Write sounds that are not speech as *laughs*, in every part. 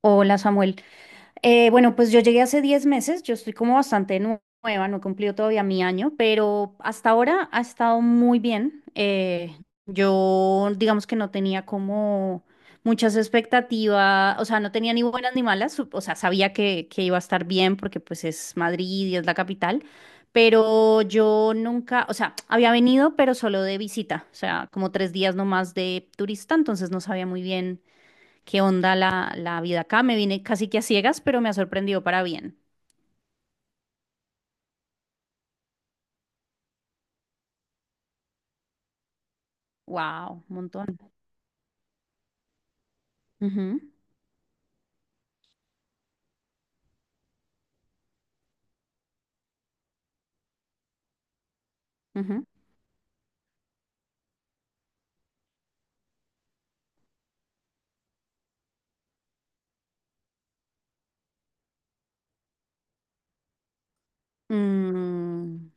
Hola Samuel. Yo llegué hace 10 meses, yo estoy como bastante nueva, no he cumplido todavía mi año, pero hasta ahora ha estado muy bien. Yo digamos que no tenía como muchas expectativas, o sea, no tenía ni buenas ni malas, o sea, sabía que iba a estar bien porque pues es Madrid y es la capital, pero yo nunca, o sea, había venido, pero solo de visita, o sea, como 3 días nomás de turista, entonces no sabía muy bien. ¿Qué onda la vida acá? Me vine casi que a ciegas, pero me ha sorprendido para bien. Wow, un montón. Ujú, ujú. Mm,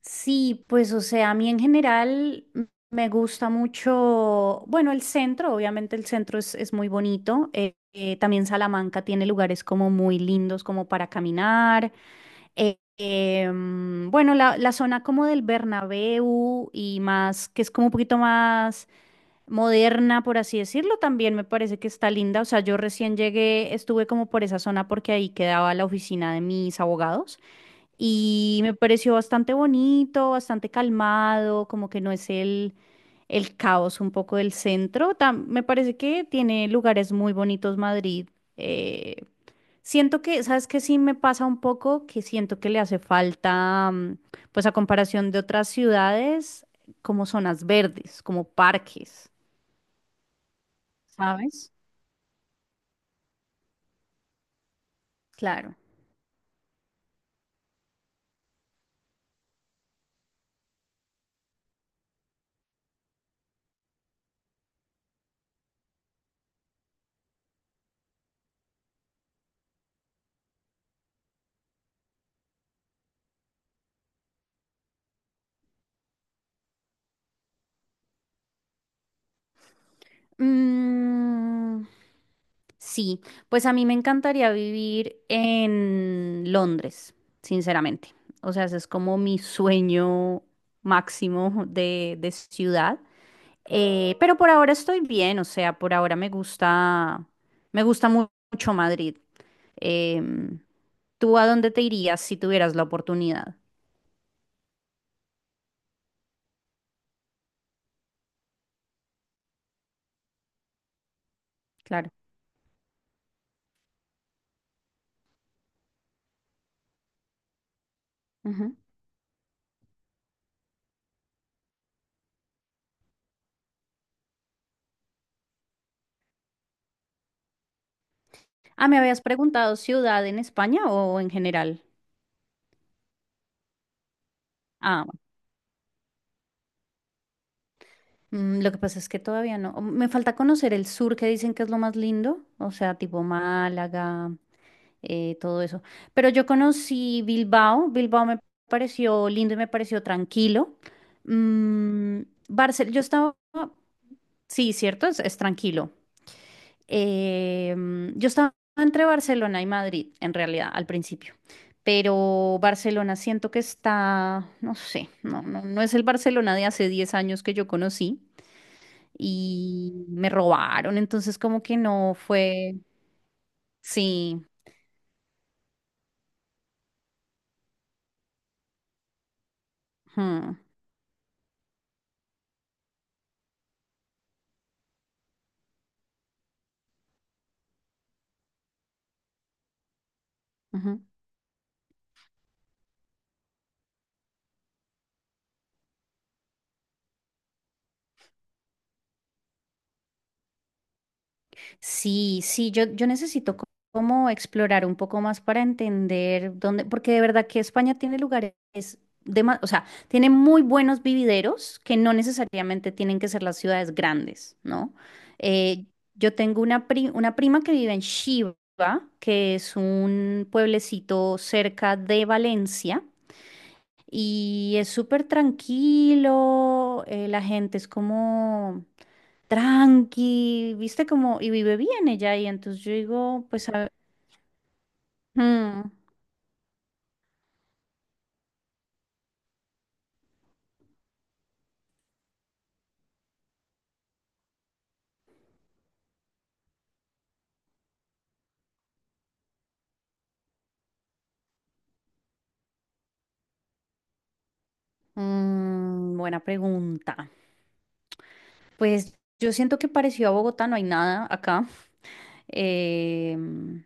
sí, pues o sea, a mí en general me gusta mucho, bueno, el centro, obviamente el centro es muy bonito. También Salamanca tiene lugares como muy lindos como para caminar. Bueno, la zona como del Bernabéu y más, que es como un poquito más moderna, por así decirlo, también me parece que está linda. O sea, yo recién llegué, estuve como por esa zona porque ahí quedaba la oficina de mis abogados y me pareció bastante bonito, bastante calmado, como que no es el caos un poco del centro. Me parece que tiene lugares muy bonitos Madrid. Eh, Siento que, ¿sabes qué? Sí me pasa un poco que siento que le hace falta, pues a comparación de otras ciudades, como zonas verdes, como parques. ¿Sabes? Claro. Mm, sí, pues a mí me encantaría vivir en Londres, sinceramente. O sea, ese es como mi sueño máximo de ciudad. Pero por ahora estoy bien, o sea, por ahora me gusta mucho Madrid. Em, ¿Tú a dónde te irías si tuvieras la oportunidad? Claro. Ujú. Ah, ¿me habías preguntado ciudad en España o en general? Ah, mm, lo que pasa es que todavía no. Me falta conocer el sur, que dicen que es lo más lindo, o sea, tipo Málaga, todo eso. Pero yo conocí Bilbao, Bilbao me pareció lindo y me pareció tranquilo. Mm, yo estaba, sí, cierto, es tranquilo. Yo estaba entre Barcelona y Madrid, en realidad, al principio. Pero Barcelona siento que está, no sé, no es el Barcelona de hace 10 años que yo conocí y me robaron, entonces como que no fue, sí. Ujú, ujú. Sí, sí, yo necesito como explorar un poco más para entender dónde, porque de verdad que España tiene lugares de o sea, tiene muy buenos vivideros que no necesariamente tienen que ser las ciudades grandes, ¿no? Eh, yo tengo una prima que vive en Chiva, que es un pueblecito cerca de Valencia. Y es súper tranquilo, la gente es como tranqui, viste como, y vive bien ella. Y entonces yo digo, pues, mm, buena pregunta. Pues yo siento que parecido a Bogotá no hay nada acá. Em,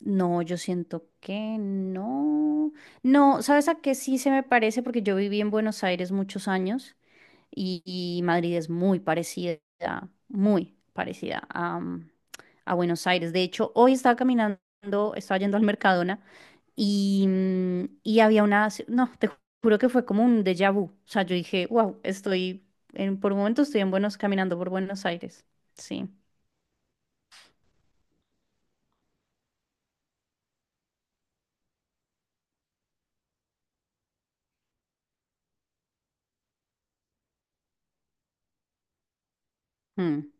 no, yo siento que no. No, ¿sabes a qué sí se me parece? Porque yo viví en Buenos Aires muchos años. Y, y Madrid es muy parecida a, a Buenos Aires. De hecho, hoy estaba caminando, estaba yendo al Mercadona y, y había no, te juro que fue como un déjà vu. O sea, yo dije, wow, estoy, en, por un momento estoy en Buenos, caminando por Buenos Aires. Sí. Mm.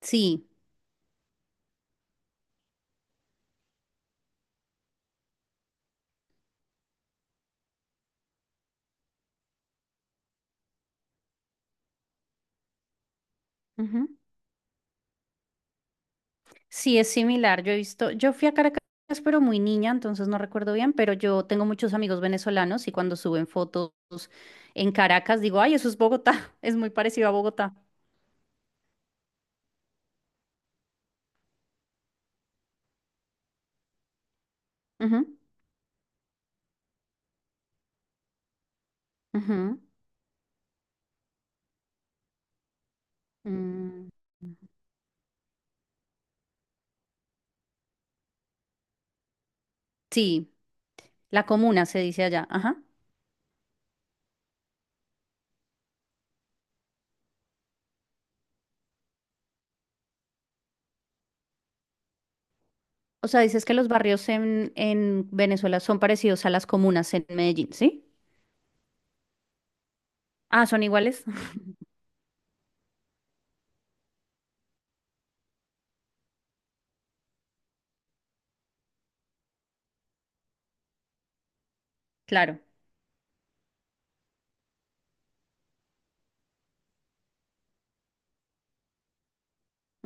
Sí. Sí, es similar. Yo he visto, yo fui a Caracas, pero muy niña, entonces no recuerdo bien, pero yo tengo muchos amigos venezolanos y cuando suben fotos en Caracas digo, ay, eso es Bogotá, *laughs* es muy parecido a Bogotá. Ujú, ujú. Mm, sí, la comuna se dice allá. Ajá. O sea, dices que los barrios en Venezuela son parecidos a las comunas en Medellín, ¿sí? Ah, son iguales. *laughs* Claro.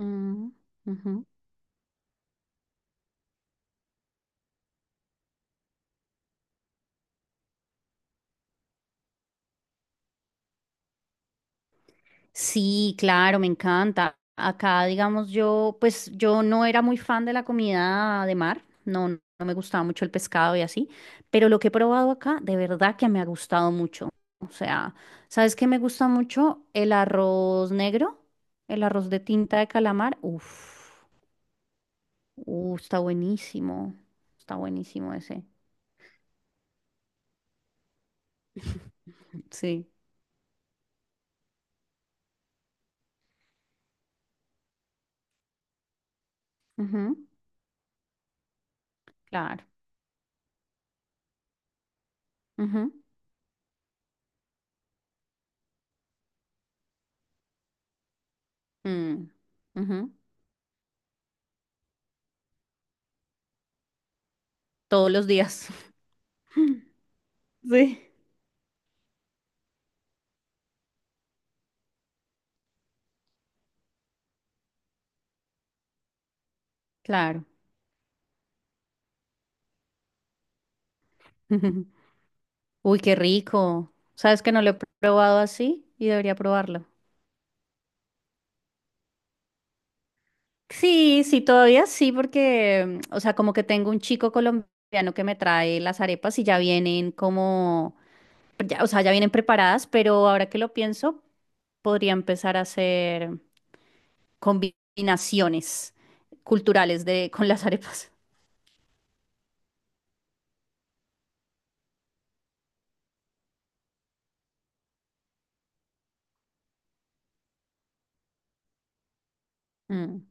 Mm, ujú. Sí, claro, me encanta. Acá, digamos, yo, pues yo no era muy fan de la comida de mar, no, no no me gustaba mucho el pescado y así, pero lo que he probado acá, de verdad que me ha gustado mucho. O sea, ¿sabes qué me gusta mucho? El arroz negro, el arroz de tinta de calamar. Uf, uh, está buenísimo, está buenísimo ese. Sí, ujú, claro, ujú, mm, ujú, todos los días. *laughs* Sí, claro. *laughs* Uy, qué rico. ¿Sabes que no lo he probado así y debería probarlo? Sí, sí, todavía sí, porque, o sea, como que tengo un chico colombiano que me trae las arepas y ya vienen como, o sea, ya vienen preparadas, pero ahora que lo pienso, podría empezar a hacer combinaciones culturales de, con las *laughs* arepas. Mm,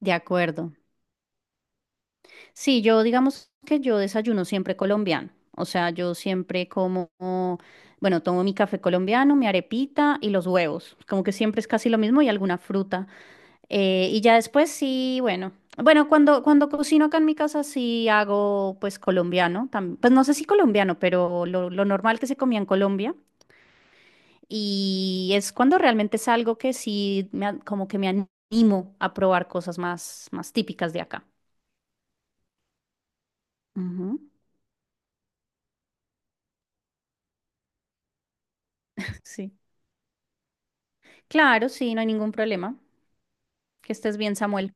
de acuerdo. Sí, yo digamos que yo desayuno siempre colombiano. O sea, yo siempre como, bueno, tomo mi café colombiano, mi arepita y los huevos. Como que siempre es casi lo mismo y alguna fruta. Y ya después sí, bueno. Bueno, cuando cocino acá en mi casa sí hago pues colombiano. Pues no sé si colombiano, pero lo normal que se comía en Colombia. Y es cuando realmente es algo que sí me, como que me animo a probar cosas más, más típicas de acá. Ujú, *laughs* sí. Claro, sí, no hay ningún problema. Que estés bien, Samuel.